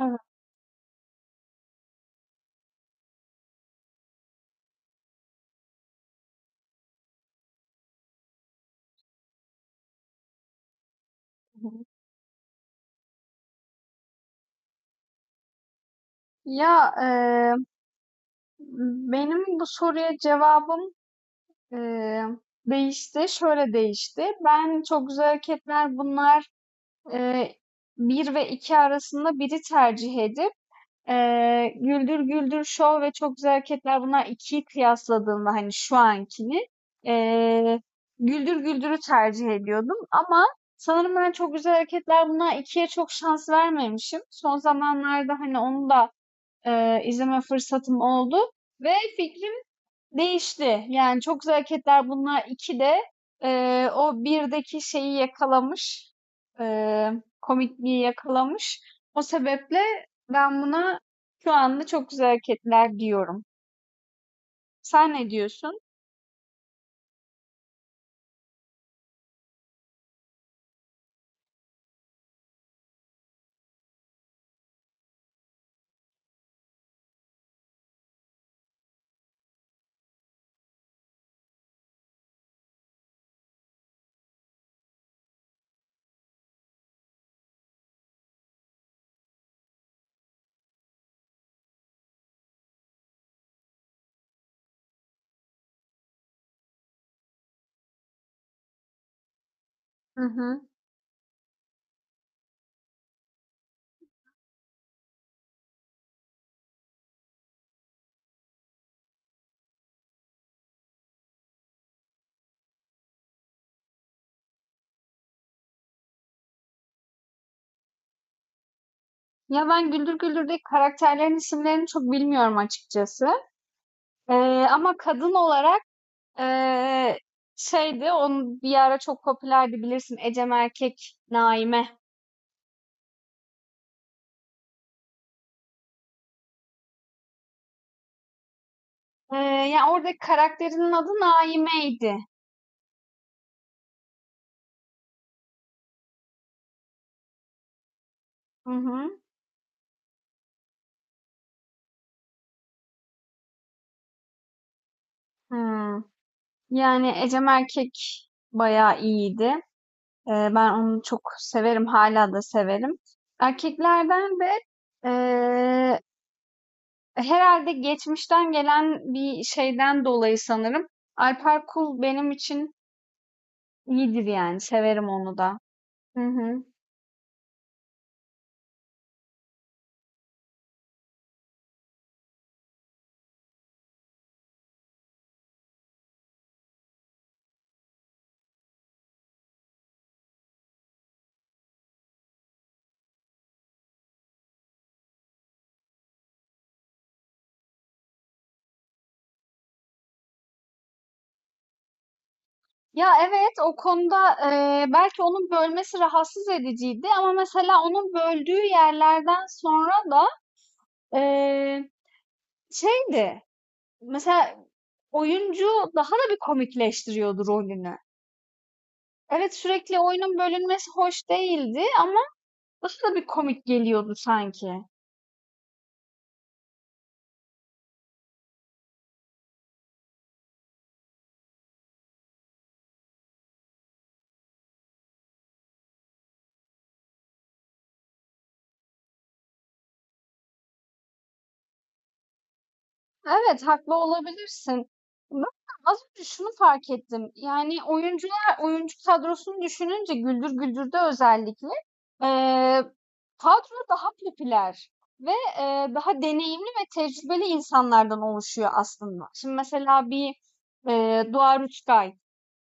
Evet, hı hı. Ya eee, Benim bu soruya cevabım eee, değişti. Şöyle değişti. Ben çok güzel hareketler bunlar eee, bir ve iki arasında biri tercih edip Güldür Güldür Show ve çok güzel hareketler bunlar ikiyi kıyasladığımda hani şu ankini eee, Güldür Güldür'ü tercih ediyordum ama sanırım ben çok güzel hareketler bunlar ikiye çok şans vermemişim. Son zamanlarda hani onu da izleme fırsatım oldu ve fikrim değişti. Yani Çok Güzel Hareketler Bunlar 2 de o 1'deki şeyi yakalamış, eee, komikliği yakalamış. O sebeple ben buna şu anda Çok Güzel Hareketler diyorum. Sen ne diyorsun? Hı hı. Ya ben Güldür Güldür'deki karakterlerin isimlerini çok bilmiyorum açıkçası. Eee, ama kadın olarak eee şeydi, onun bir ara çok popülerdi bilirsin. Ecem Erkek, Naime. Eee, ya, oradaki karakterinin adı Naime'ydi. Hı hı. Hımm. Yani Ecem Erkek bayağı iyiydi. Ben onu çok severim, hala da severim. Erkeklerden de, eee, herhâlde geçmişten gelen bir şeyden dolayı sanırım Alper Kul benim için iyidir yani, severim onu da. Hı hı. Ya, evet, o konuda, belki onun bölmesi rahatsız ediciydi ama mesela onun böldüğü yerlerden sonra da Eee, şeydi, mesela oyuncu daha da bir komikleştiriyordu rolünü. Evet, sürekli oyunun bölünmesi hoş değildi ama daha da bir komik geliyordu sanki. Evet, haklı olabilirsin. Ben az önce şunu fark ettim. Yani oyuncular, oyuncu kadrosunu düşününce Güldür Güldür'de özellikle eee, kadro daha popüler ve daha deneyimli ve tecrübeli insanlardan oluşuyor aslında. Şimdi mesela bir Doğa Ruçkay.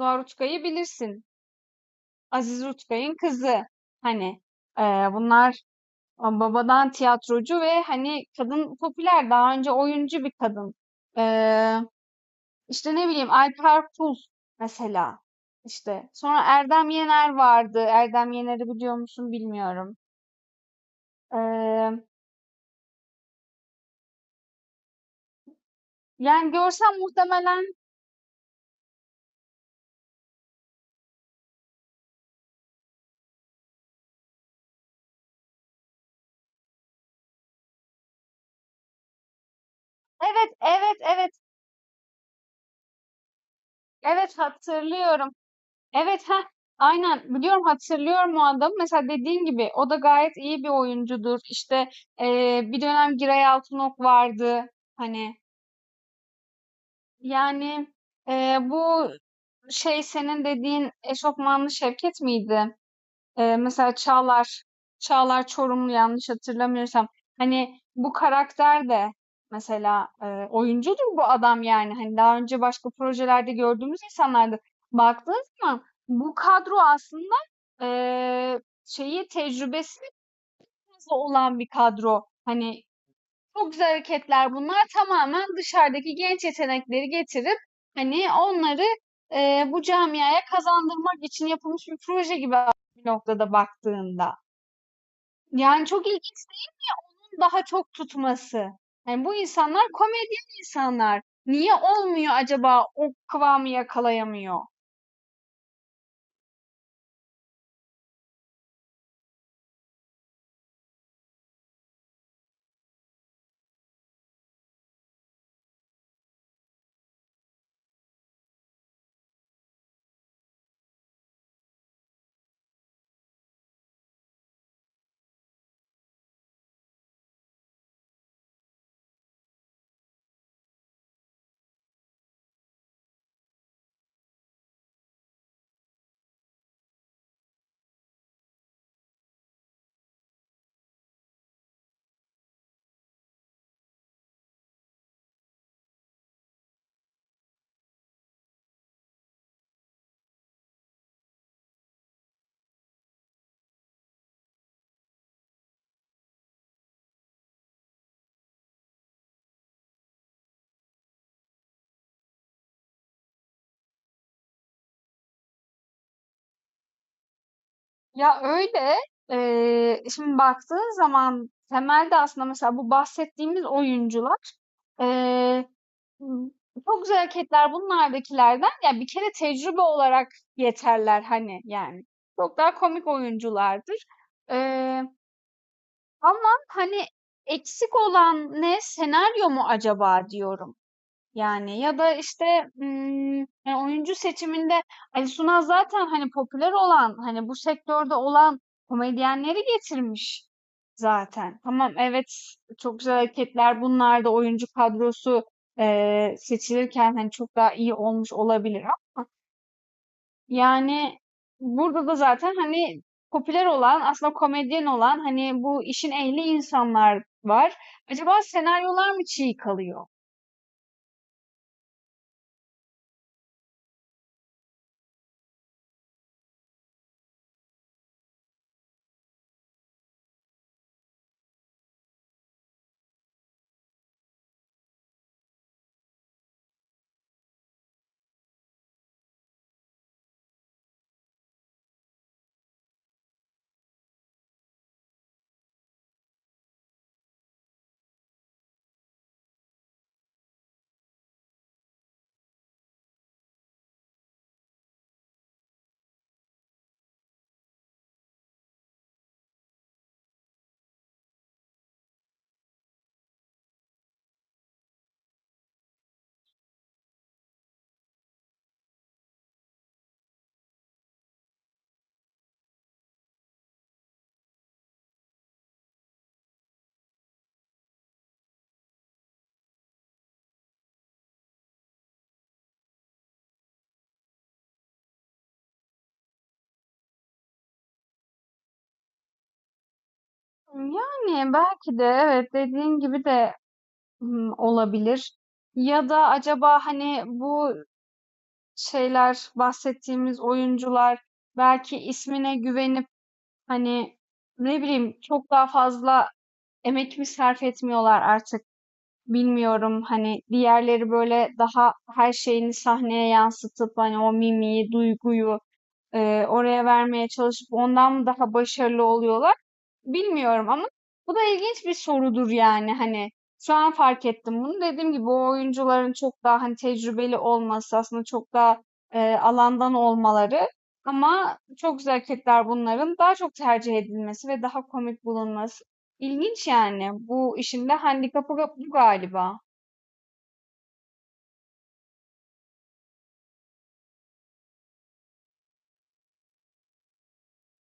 Doğa Ruçkay'ı bilirsin. Aziz Ruçkay'ın kızı. Hani bunlar babadan tiyatrocu ve hani kadın popüler. Daha önce oyuncu bir kadın. İşte ne bileyim Alper Kul mesela. İşte sonra Erdem Yener vardı. Erdem Yener'i biliyor musun bilmiyorum. Ee, yani görsem muhtemelen evet evet evet evet hatırlıyorum. Evet, ha, aynen biliyorum, hatırlıyorum o adamı. Mesela dediğim gibi o da gayet iyi bir oyuncudur. İşte bir dönem Giray Altınok vardı. Hani yani bu şey senin dediğin eşofmanlı Şevket miydi? Mesela Çağlar, Çağlar Çorumlu yanlış hatırlamıyorsam. Hani bu karakter de mesela oyuncudur bu adam yani. Hani daha önce başka projelerde gördüğümüz insanlardı. Baktığın zaman bu kadro aslında eee, şeyi tecrübesi fazla olan bir kadro. Hani çok güzel hareketler bunlar tamamen dışarıdaki genç yetenekleri getirip hani onları bu camiaya kazandırmak için yapılmış bir proje gibi bir noktada baktığında. Yani çok ilginç daha çok tutması. Yani bu insanlar komedyen insanlar. Niye olmuyor acaba, o kıvamı yakalayamıyor? Ya öyle. Şimdi baktığın zaman temelde aslında mesela bu bahsettiğimiz oyuncular eee, çok güzel hareketler bunlardakilerden ya bir kere tecrübe olarak yeterler hani yani. Çok daha komik oyunculardır. Eee Ama hani eksik olan ne? Senaryo mu acaba diyorum. Yani ya da işte ım, yani oyuncu seçiminde Ali Sunal zaten hani popüler olan hani bu sektörde olan komedyenleri getirmiş zaten. Tamam evet çok güzel hareketler bunlar da oyuncu kadrosu seçilirken hani çok daha iyi olmuş olabilir yani, burada da zaten, hani, popüler olan, aslında komedyen olan, hani, bu işin ehli insanlar var. Acaba senaryolar mı çiğ kalıyor? Yani, belki de evet, dediğin gibi de, olabilir ya da acaba, hani, bu şeyler, bahsettiğimiz oyuncular belki ismine güvenip, hani, ne bileyim, çok daha fazla emek mi sarf etmiyorlar artık? Bilmiyorum hani diğerleri böyle daha her şeyini sahneye yansıtıp hani o mimiği, duyguyu oraya vermeye çalışıp ondan daha başarılı oluyorlar? Bilmiyorum ama bu da ilginç bir sorudur yani hani şu an fark ettim bunu. Dediğim gibi o oyuncuların çok daha hani tecrübeli olması aslında çok daha alandan olmaları ama çok güzel hareketler bunların daha çok tercih edilmesi ve daha komik bulunması. İlginç yani. Bu işin de handikapı bu galiba.